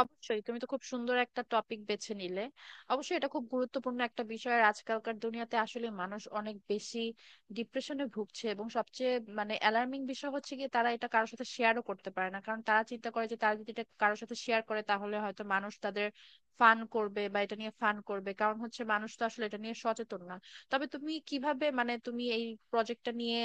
অবশ্যই, তুমি তো খুব সুন্দর একটা টপিক বেছে নিলে। অবশ্যই এটা খুব গুরুত্বপূর্ণ একটা বিষয়। আর আজকালকার দুনিয়াতে আসলে মানুষ অনেক বেশি ডিপ্রেশনে ভুগছে, এবং সবচেয়ে মানে অ্যালার্মিং বিষয় হচ্ছে গিয়ে তারা এটা কারোর সাথে শেয়ারও করতে পারে না, কারণ তারা চিন্তা করে যে তারা যদি এটা কারোর সাথে শেয়ার করে তাহলে হয়তো মানুষ তাদের ফান করবে বা এটা নিয়ে ফান করবে। কারণ হচ্ছে মানুষ তো আসলে এটা নিয়ে সচেতন না। তবে তুমি কিভাবে, মানে তুমি এই প্রজেক্টটা নিয়ে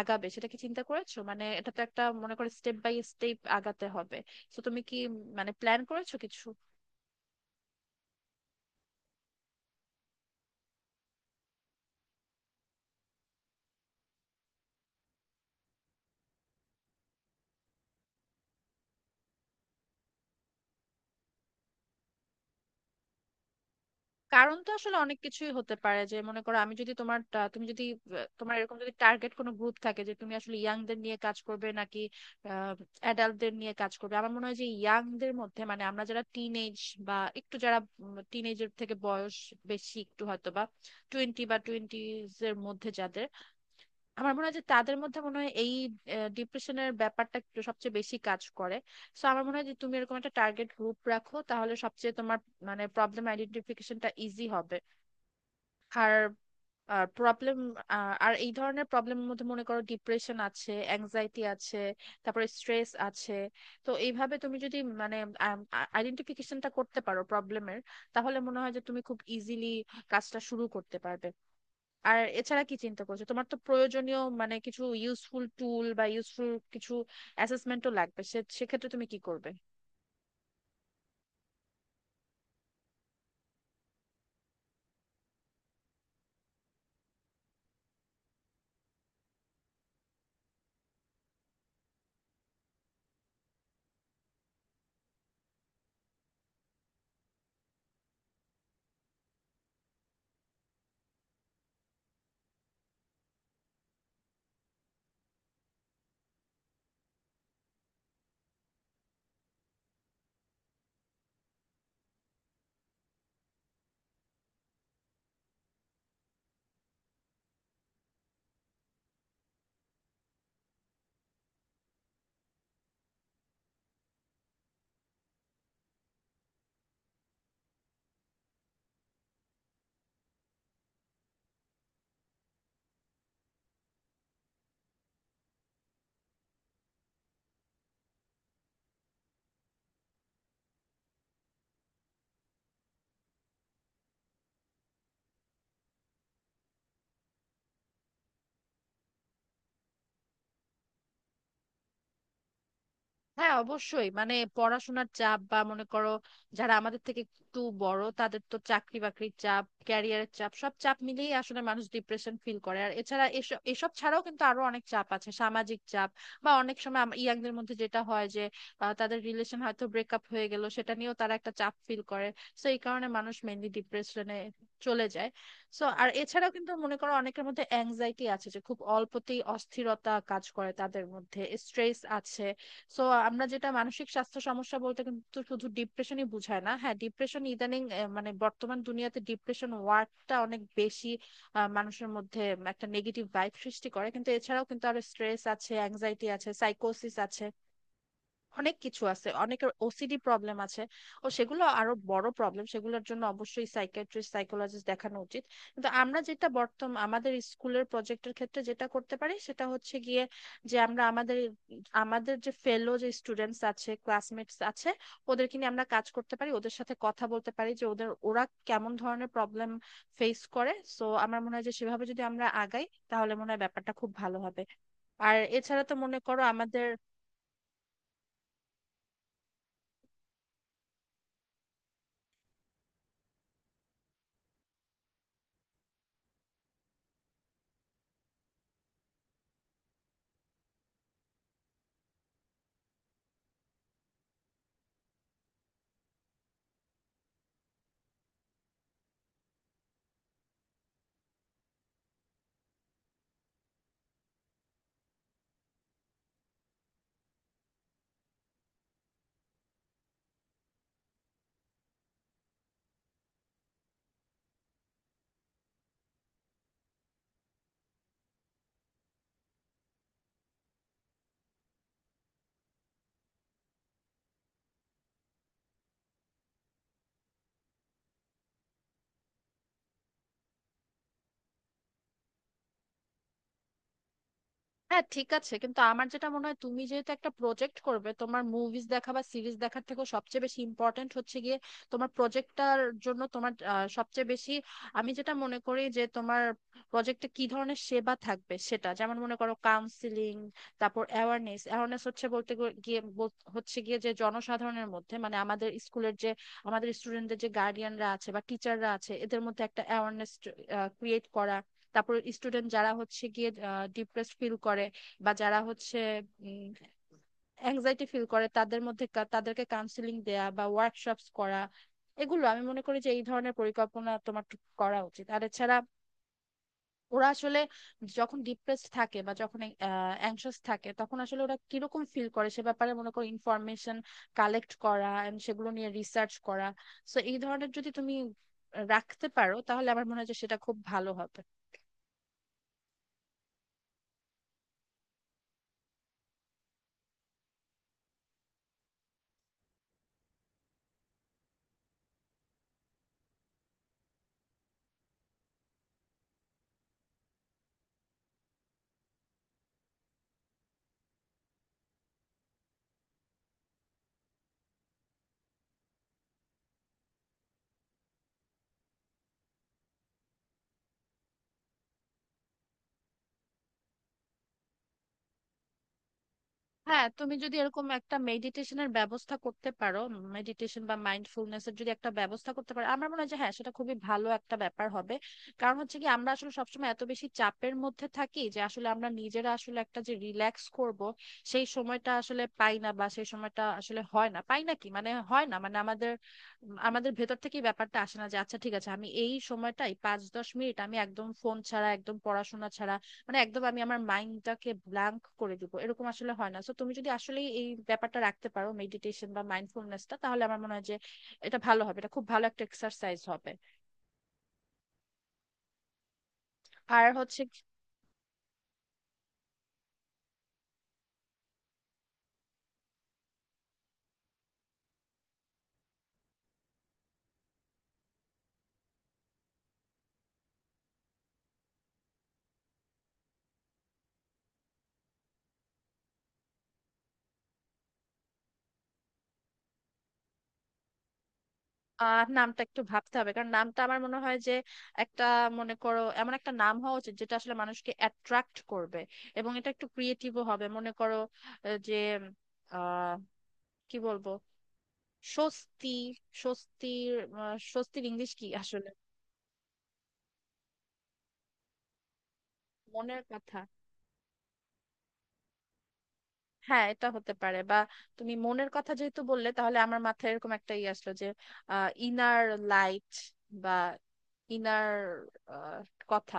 আগাবে সেটা কি চিন্তা করেছো? মানে এটা তো একটা মনে করে স্টেপ বাই স্টেপ আগাতে হবে। তো তুমি কি মানে প্ল্যান করেছো কিছু? কারণ তো আসলে অনেক কিছুই হতে পারে। যে মনে করো, আমি যদি তুমি যদি তোমার এরকম যদি টার্গেট কোনো গ্রুপ থাকে যে তুমি আসলে ইয়াংদের নিয়ে কাজ করবে নাকি অ্যাডাল্টদের নিয়ে কাজ করবে। আমার মনে হয় যে ইয়াংদের মধ্যে, মানে আমরা যারা টিনেজ বা একটু যারা টিনেজের থেকে বয়স বেশি একটু হয়তো, বা টোয়েন্টি বা টোয়েন্টিজ এর মধ্যে যাদের, আমার মনে হয় যে তাদের মধ্যে মনে হয় এই ডিপ্রেশনের ব্যাপারটা একটু সবচেয়ে বেশি কাজ করে। সো আমার মনে হয় যে তুমি এরকম একটা টার্গেট গ্রুপ রাখো, তাহলে সবচেয়ে তোমার মানে প্রবলেম আইডেন্টিফিকেশনটা ইজি হবে। আর প্রবলেম আর এই ধরনের প্রবলেমের মধ্যে মনে করো ডিপ্রেশন আছে, অ্যাংজাইটি আছে, তারপরে স্ট্রেস আছে। তো এইভাবে তুমি যদি মানে আইডেন্টিফিকেশনটা করতে পারো প্রবলেমের, তাহলে মনে হয় যে তুমি খুব ইজিলি কাজটা শুরু করতে পারবে। আর এছাড়া কি চিন্তা করছো? তোমার তো প্রয়োজনীয় মানে কিছু ইউজফুল টুল বা ইউজফুল কিছু অ্যাসেসমেন্টও লাগবে। সে সেক্ষেত্রে তুমি কি করবে? হ্যাঁ, অবশ্যই। মানে পড়াশোনার চাপ বা মনে করো যারা আমাদের থেকে একটু বড় তাদের তো চাকরি বাকরির চাপ, ক্যারিয়ারের চাপ, সব চাপ মিলিয়ে আসলে মানুষ ডিপ্রেশন ফিল করে। আর এছাড়া এসব এসব ছাড়াও কিন্তু আরো অনেক চাপ আছে, সামাজিক চাপ। বা অনেক সময় ইয়াংদের মধ্যে যেটা হয় যে তাদের রিলেশন হয়তো ব্রেকআপ হয়ে গেল, সেটা নিয়েও তারা একটা চাপ ফিল করে। সো এই কারণে মানুষ মেনলি ডিপ্রেশনে চলে যায়। সো আর এছাড়াও কিন্তু মনে করো অনেকের মধ্যে অ্যাংজাইটি আছে, যে খুব অল্পতেই অস্থিরতা কাজ করে তাদের মধ্যে, স্ট্রেস আছে। সো আমরা যেটা মানসিক স্বাস্থ্য সমস্যা বলতে কিন্তু শুধু ডিপ্রেশনই বোঝায় না। হ্যাঁ, ডিপ্রেশন ইদানিং মানে বর্তমান দুনিয়াতে ডিপ্রেশন ওয়ার্ডটা অনেক বেশি মানুষের মধ্যে একটা নেগেটিভ ভাইব সৃষ্টি করে, কিন্তু এছাড়াও কিন্তু আরো স্ট্রেস আছে, অ্যাংজাইটি আছে, সাইকোসিস আছে, অনেক কিছু আছে, অনেকের ওসিডি প্রবলেম আছে। ও সেগুলো আরো বড় প্রবলেম, সেগুলোর জন্য অবশ্যই সাইকিয়াট্রিস্ট, সাইকোলজিস্ট দেখানো উচিত। কিন্তু আমরা যেটা বর্তমান আমাদের স্কুলের প্রজেক্টের ক্ষেত্রে যেটা করতে পারি সেটা হচ্ছে গিয়ে যে আমরা আমাদের আমাদের যে ফেলো, যে স্টুডেন্টস আছে, ক্লাসমেটস আছে, ওদেরকে নিয়ে আমরা কাজ করতে পারি, ওদের সাথে কথা বলতে পারি, যে ওরা কেমন ধরনের প্রবলেম ফেস করে। সো আমার মনে হয় যে সেভাবে যদি আমরা আগাই তাহলে মনে হয় ব্যাপারটা খুব ভালো হবে। আর এছাড়া তো মনে করো আমাদের হ্যাঁ, ঠিক আছে। কিন্তু আমার যেটা মনে হয়, তুমি যেহেতু একটা প্রজেক্ট করবে, তোমার মুভিজ দেখা বা সিরিজ দেখার থেকে সবচেয়ে বেশি ইম্পর্টেন্ট হচ্ছে গিয়ে তোমার প্রজেক্টটার জন্য তোমার সবচেয়ে বেশি, আমি যেটা মনে করি যে তোমার প্রজেক্টে কি ধরনের সেবা থাকবে সেটা, যেমন মনে করো কাউন্সিলিং, তারপর অ্যাওয়ারনেস। অ্যাওয়ারনেস হচ্ছে বলতে হচ্ছে গিয়ে যে জনসাধারণের মধ্যে, মানে আমাদের স্কুলের যে আমাদের স্টুডেন্টদের যে গার্ডিয়ানরা আছে বা টিচাররা আছে, এদের মধ্যে একটা অ্যাওয়ারনেস ক্রিয়েট করা। তারপর স্টুডেন্ট যারা হচ্ছে গিয়ে ডিপ্রেসড ফিল করে বা যারা হচ্ছে অ্যাংজাইটি ফিল করে, তাদের মধ্যে তাদেরকে কাউন্সিলিং দেয়া বা ওয়ার্কশপস করা। এগুলো আমি মনে করি যে এই ধরনের পরিকল্পনা তোমার করা উচিত। আর এছাড়া, ওরা আসলে যখন ডিপ্রেসড থাকে বা যখন অ্যাংশাস থাকে তখন আসলে ওরা কিরকম ফিল করে সে ব্যাপারে মনে করো ইনফরমেশন কালেক্ট করা এন্ড সেগুলো নিয়ে রিসার্চ করা। সো এই ধরনের যদি তুমি রাখতে পারো তাহলে আমার মনে হয় যে সেটা খুব ভালো হবে। হ্যাঁ, তুমি যদি এরকম একটা মেডিটেশনের ব্যবস্থা করতে পারো, মেডিটেশন বা মাইন্ডফুলনেস এর যদি একটা ব্যবস্থা করতে পারো, আমার মনে হয় যে হ্যাঁ, সেটা খুবই ভালো একটা ব্যাপার হবে। কারণ হচ্ছে কি, আমরা আসলে সবসময় এত বেশি চাপের মধ্যে থাকি যে আসলে আমরা নিজেরা আসলে একটা যে রিল্যাক্স করব, সেই সময়টা আসলে পাই না, বা সেই সময়টা আসলে হয় না পাই না কি মানে হয় না, মানে আমাদের আমাদের ভেতর থেকে এই ব্যাপারটা আসে না যে আচ্ছা, ঠিক আছে, আমি এই সময়টাই পাঁচ দশ মিনিট আমি একদম ফোন ছাড়া, একদম পড়াশোনা ছাড়া, মানে একদম আমি আমার মাইন্ডটাকে ব্ল্যাঙ্ক করে দিব, এরকম আসলে হয় না। তো তুমি যদি আসলে এই ব্যাপারটা রাখতে পারো, মেডিটেশন বা মাইন্ডফুলনেসটা, তাহলে আমার মনে হয় যে এটা ভালো হবে, এটা খুব ভালো একটা এক্সারসাইজ হবে। আর হচ্ছে নামটা একটু ভাবতে হবে, কারণ নামটা আমার মনে হয় যে একটা, মনে করো এমন একটা নাম হওয়া উচিত যেটা আসলে মানুষকে অ্যাট্রাক্ট করবে, এবং এটা একটু ক্রিয়েটিভও হবে। মনে করো যে আহ কি বলবো, স্বস্তি, স্বস্তির, স্বস্তির ইংলিশ কি আসলে? মনের কথা, হ্যাঁ এটা হতে পারে। বা তুমি মনের কথা যেহেতু বললে, তাহলে আমার মাথায় এরকম একটা ই আসলো যে ইনার লাইট, বা ইনার কথা।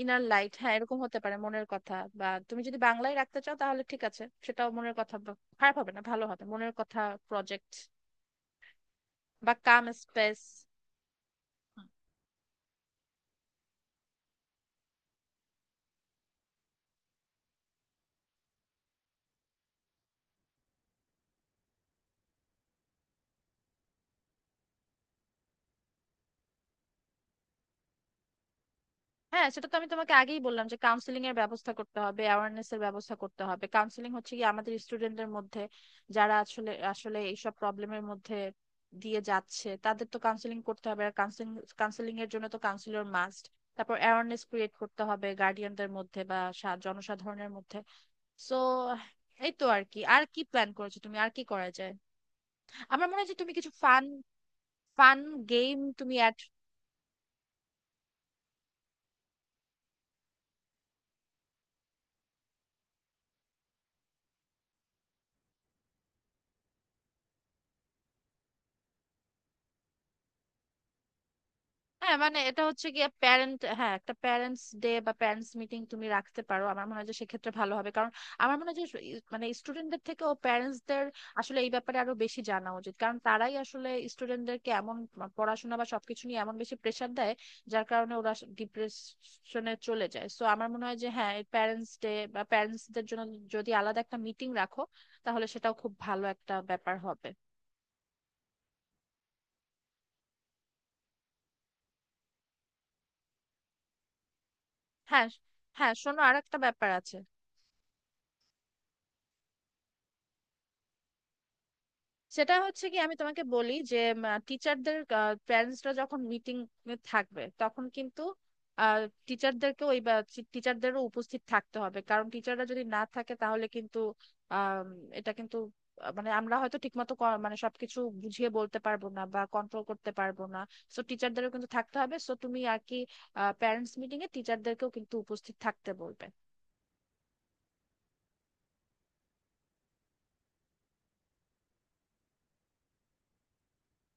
ইনার লাইট, হ্যাঁ এরকম হতে পারে, মনের কথা। বা তুমি যদি বাংলায় রাখতে চাও তাহলে ঠিক আছে, সেটাও মনের কথা বা- খারাপ হবে না, ভালো হবে, মনের কথা প্রজেক্ট। বা কাম স্পেস। হ্যাঁ, সেটা তো আমি তোমাকে আগেই বললাম যে কাউন্সিলিং এর ব্যবস্থা করতে হবে, অ্যাওয়ারনেস এর ব্যবস্থা করতে হবে। কাউন্সিলিং হচ্ছে কি, আমাদের স্টুডেন্টদের মধ্যে যারা আসলে আসলে এইসব প্রবলেমের মধ্যে দিয়ে যাচ্ছে তাদের তো কাউন্সিলিং করতে হবে। আর কাউন্সিলিং কাউন্সিলিং এর জন্য তো কাউন্সিলর মাস্ট। তারপর অ্যাওয়ারনেস ক্রিয়েট করতে হবে গার্ডিয়ানদের মধ্যে বা জনসাধারণের মধ্যে। সো এই তো। আর কি আর কি প্ল্যান করেছো তুমি, আর কি করা যায়? আমার মনে হয় যে তুমি কিছু ফান ফান গেম তুমি অ্যাড হ্যাঁ, মানে এটা হচ্ছে গিয়ে প্যারেন্ট, হ্যাঁ, একটা প্যারেন্টস ডে বা প্যারেন্টস মিটিং তুমি রাখতে পারো। আমার মনে হয় যে সেক্ষেত্রে ভালো হবে, কারণ আমার মনে হয় যে মানে স্টুডেন্টদের থেকে ও প্যারেন্টসদের আসলে এই ব্যাপারে আরো বেশি জানা উচিত, কারণ তারাই আসলে স্টুডেন্টদেরকে এমন পড়াশোনা বা সবকিছু নিয়ে এমন বেশি প্রেসার দেয়, যার কারণে ওরা ডিপ্রেশনে চলে যায়। সো আমার মনে হয় যে হ্যাঁ, প্যারেন্টস ডে বা প্যারেন্টসদের জন্য যদি আলাদা একটা মিটিং রাখো, তাহলে সেটাও খুব ভালো একটা ব্যাপার হবে। হ্যাঁ। হ্যাঁ, শোনো, আর একটা ব্যাপার আছে। সেটা হচ্ছে কি, আমি তোমাকে বলি যে টিচারদের প্যারেন্টসরা যখন মিটিং থাকবে তখন কিন্তু টিচারদেরকে ওই টিচারদেরও উপস্থিত থাকতে হবে। কারণ টিচাররা যদি না থাকে তাহলে কিন্তু আম, এটা কিন্তু মানে আমরা হয়তো ঠিকমতো মানে সবকিছু বুঝিয়ে বলতে পারবো না বা কন্ট্রোল করতে পারবো না। সো টিচারদেরও কিন্তু থাকতে হবে। সো তুমি আর কি প্যারেন্টস মিটিং এ টিচারদেরকেও কিন্তু উপস্থিত থাকতে বলবে।